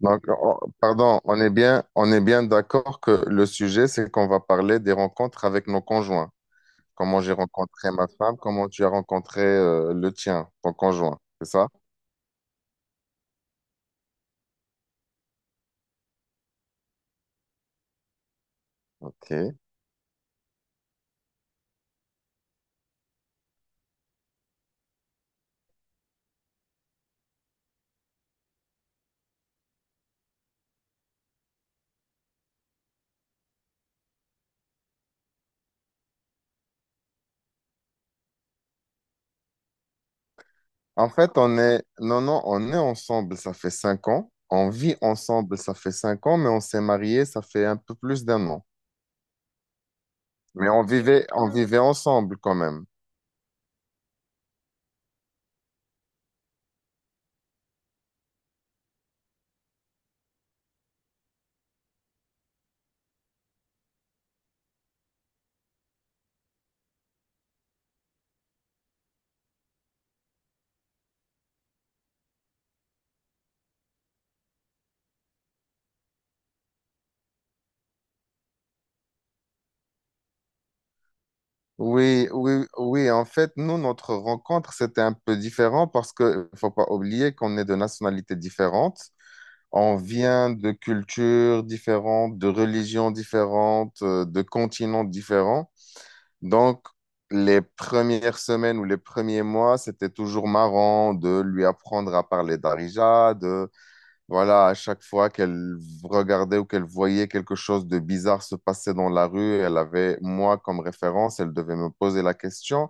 Donc, pardon, on est bien d'accord que le sujet, c'est qu'on va parler des rencontres avec nos conjoints. Comment j'ai rencontré ma femme, comment tu as rencontré le tien, ton conjoint, c'est ça? Ok. En fait, non, non, on est ensemble, ça fait 5 ans. On vit ensemble, ça fait 5 ans, mais on s'est mariés, ça fait un peu plus d'1 an. Mais on vivait ensemble quand même. Oui, oui, oui. En fait, nous, notre rencontre, c'était un peu différent parce que faut pas oublier qu'on est de nationalités différentes. On vient de cultures différentes, de religions différentes, de continents différents. Donc, les premières semaines ou les premiers mois, c'était toujours marrant de lui apprendre à parler d'Arija, voilà, à chaque fois qu'elle regardait ou qu'elle voyait quelque chose de bizarre se passer dans la rue, elle avait moi comme référence, elle devait me poser la question.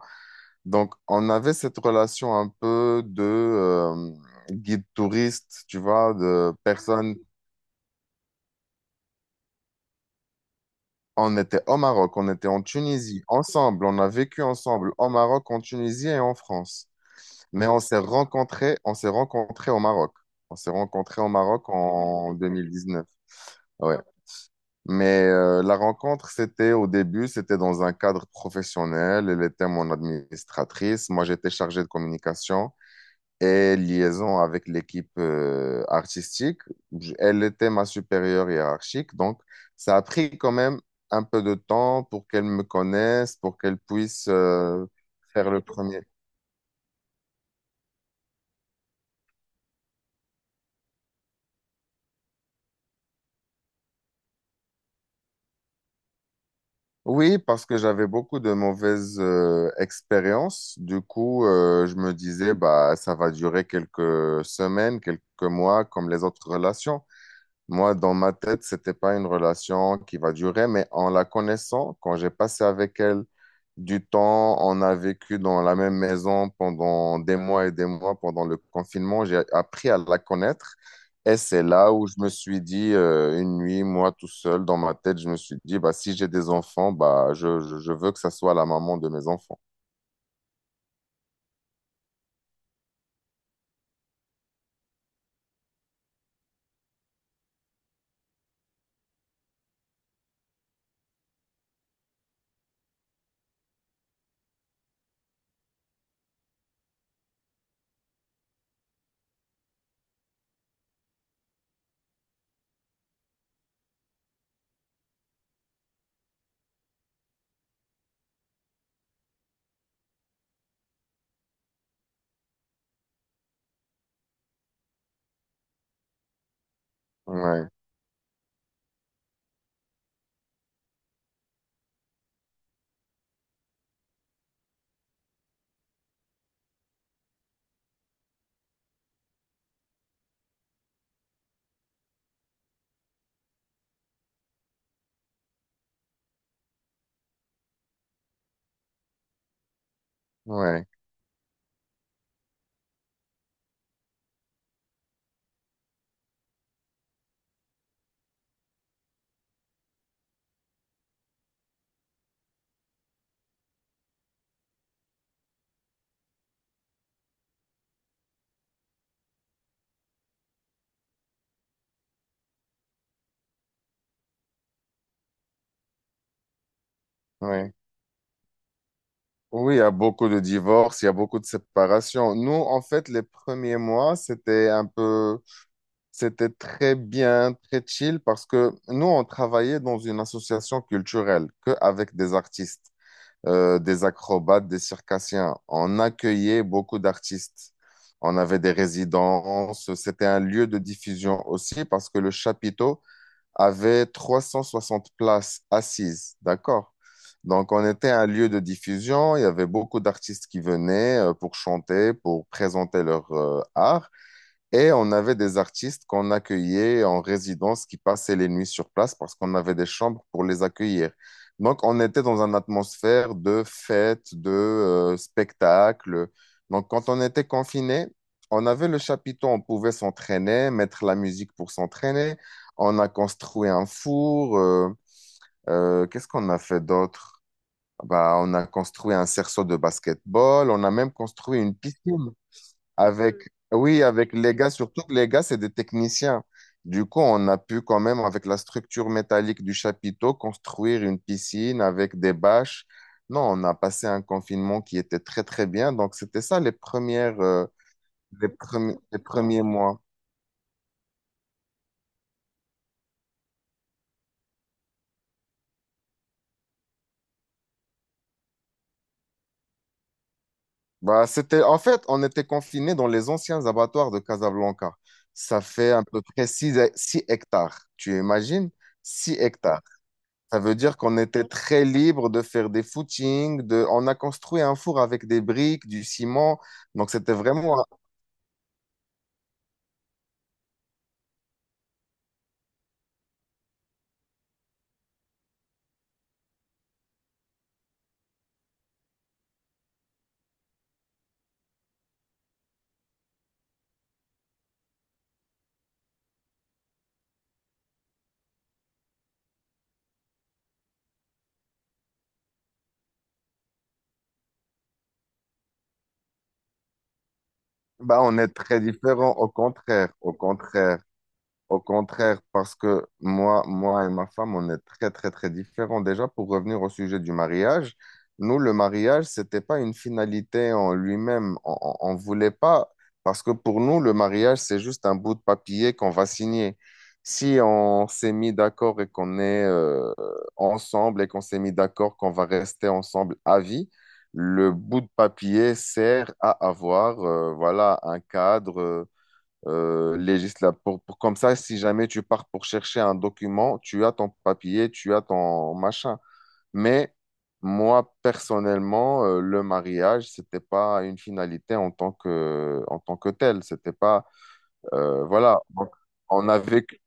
Donc, on avait cette relation un peu de guide touriste, tu vois, de personne. On était au Maroc, on était en Tunisie, ensemble, on a vécu ensemble au Maroc, en Tunisie et en France. Mais on s'est rencontrés au Maroc. On s'est rencontrés au Maroc en 2019. Ouais. Mais la rencontre, c'était au début, c'était dans un cadre professionnel. Elle était mon administratrice. Moi, j'étais chargé de communication et liaison avec l'équipe artistique. Elle était ma supérieure hiérarchique. Donc, ça a pris quand même un peu de temps pour qu'elle me connaisse, pour qu'elle puisse faire le premier. Oui, parce que j'avais beaucoup de mauvaises expériences. Du coup, je me disais, bah, ça va durer quelques semaines, quelques mois, comme les autres relations. Moi, dans ma tête, c'était pas une relation qui va durer, mais en la connaissant, quand j'ai passé avec elle du temps, on a vécu dans la même maison pendant des mois et des mois pendant le confinement, j'ai appris à la connaître. Et c'est là où je me suis dit, une nuit, moi tout seul, dans ma tête, je me suis dit, bah, si j'ai des enfants, bah, je veux que ça soit la maman de mes enfants. Ouais, ouais, ouais. Oui, il y a beaucoup de divorces, il y a beaucoup de séparations. Nous, en fait, les premiers mois, c'était un peu... C'était très bien, très chill parce que nous, on travaillait dans une association culturelle que avec des artistes, des acrobates, des circassiens. On accueillait beaucoup d'artistes. On avait des résidences. C'était un lieu de diffusion aussi parce que le chapiteau avait 360 places assises. D'accord? Donc, on était un lieu de diffusion. Il y avait beaucoup d'artistes qui venaient pour chanter, pour présenter leur art. Et on avait des artistes qu'on accueillait en résidence qui passaient les nuits sur place parce qu'on avait des chambres pour les accueillir. Donc, on était dans une atmosphère de fête, de spectacle. Donc, quand on était confiné, on avait le chapiteau, on pouvait s'entraîner, mettre la musique pour s'entraîner. On a construit un four. Qu'est-ce qu'on a fait d'autre? Bah, on a construit un cerceau de basketball. On a même construit une piscine. Avec, oui, avec les gars, surtout que les gars, c'est des techniciens. Du coup, on a pu quand même, avec la structure métallique du chapiteau, construire une piscine avec des bâches. Non, on a passé un confinement qui était très, très bien. Donc, c'était ça les premiers mois. Bah, en fait, on était confinés dans les anciens abattoirs de Casablanca. Ça fait à peu près 6 hectares. Tu imagines? 6 hectares. Ça veut dire qu'on était très libre de faire des footings, on a construit un four avec des briques, du ciment. Donc, bah, on est très différent, au contraire, au contraire. Au contraire, parce que moi, moi et ma femme, on est très, très, très différents. Déjà, pour revenir au sujet du mariage, nous, le mariage, c'était pas une finalité en lui-même. On voulait pas, parce que pour nous, le mariage, c'est juste un bout de papier qu'on va signer. Si on s'est mis d'accord et qu'on est ensemble et qu'on s'est mis d'accord qu'on va rester ensemble à vie, le bout de papier sert à avoir, voilà, un cadre législatif. Comme ça, si jamais tu pars pour chercher un document, tu as ton papier, tu as ton machin. Mais moi, personnellement, le mariage, c'était pas une finalité en tant que telle. C'était pas, voilà. Donc, on a vécu.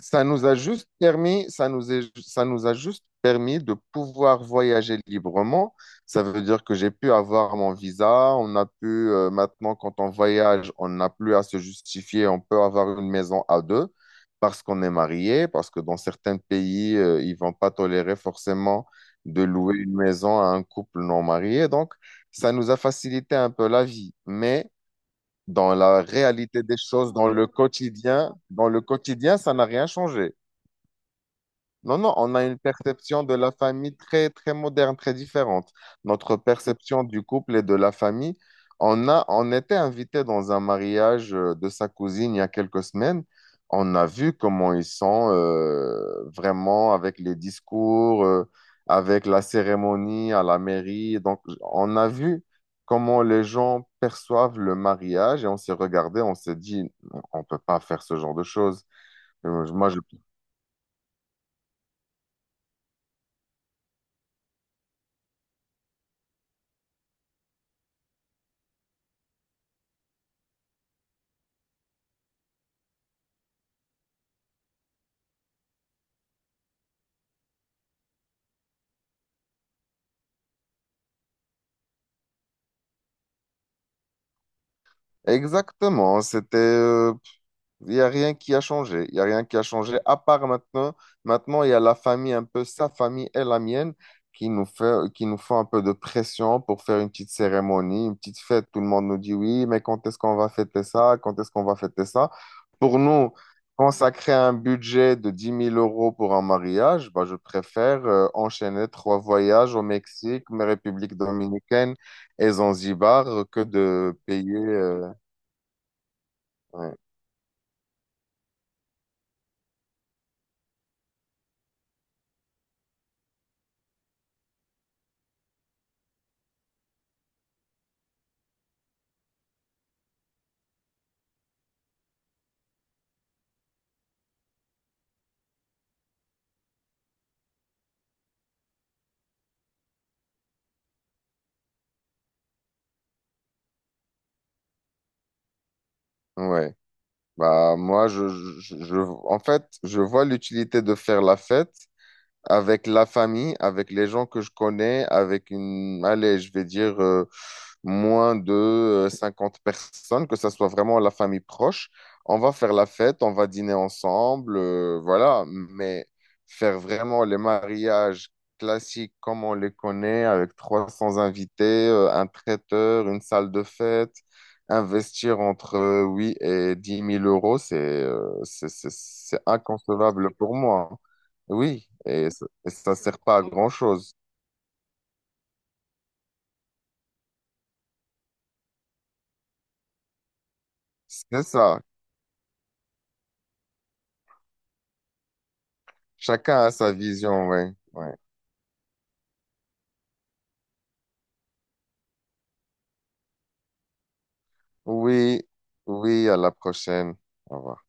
Ça nous a juste permis, ça nous a juste permis de pouvoir voyager librement. Ça veut dire que j'ai pu avoir mon visa. On a pu, maintenant, quand on voyage, on n'a plus à se justifier. On peut avoir une maison à deux parce qu'on est marié, parce que dans certains pays, ils vont pas tolérer forcément de louer une maison à un couple non marié. Donc, ça nous a facilité un peu la vie. Mais dans la réalité des choses, dans le quotidien, ça n'a rien changé. Non, non, on a une perception de la famille très, très moderne, très différente. Notre perception du couple et de la famille, on était invité dans un mariage de sa cousine il y a quelques semaines. On a vu comment ils sont vraiment avec les discours, avec la cérémonie à la mairie. Donc, on a vu comment les gens perçoivent le mariage et on s'est regardé, on s'est dit, on peut pas faire ce genre de choses. Moi, je Exactement, il n'y a rien qui a changé, il n'y a rien qui a changé, à part maintenant, maintenant il y a la famille, un peu sa famille et la mienne, qui nous font un peu de pression pour faire une petite cérémonie, une petite fête, tout le monde nous dit oui, mais quand est-ce qu'on va fêter ça, quand est-ce qu'on va fêter ça? Pour nous, consacrer un budget de 10 000 euros pour un mariage, bah, je préfère enchaîner trois voyages au Mexique, mais République dominicaine et Zanzibar que de payer. Ouais. Ouais. Bah, moi, en fait, je vois l'utilité de faire la fête, avec la famille, avec les gens que je connais, allez, je vais dire moins de 50 personnes, que ça soit vraiment la famille proche. On va faire la fête, on va dîner ensemble, voilà. Mais faire vraiment les mariages classiques comme on les connaît, avec 300 invités, un traiteur, une salle de fête, investir entre 8 et 10 000 euros, c'est inconcevable pour moi. Oui, et ça sert pas à grand-chose. C'est ça. Chacun a sa vision, ouais. Ouais. Oui, oui, à la prochaine. Au revoir.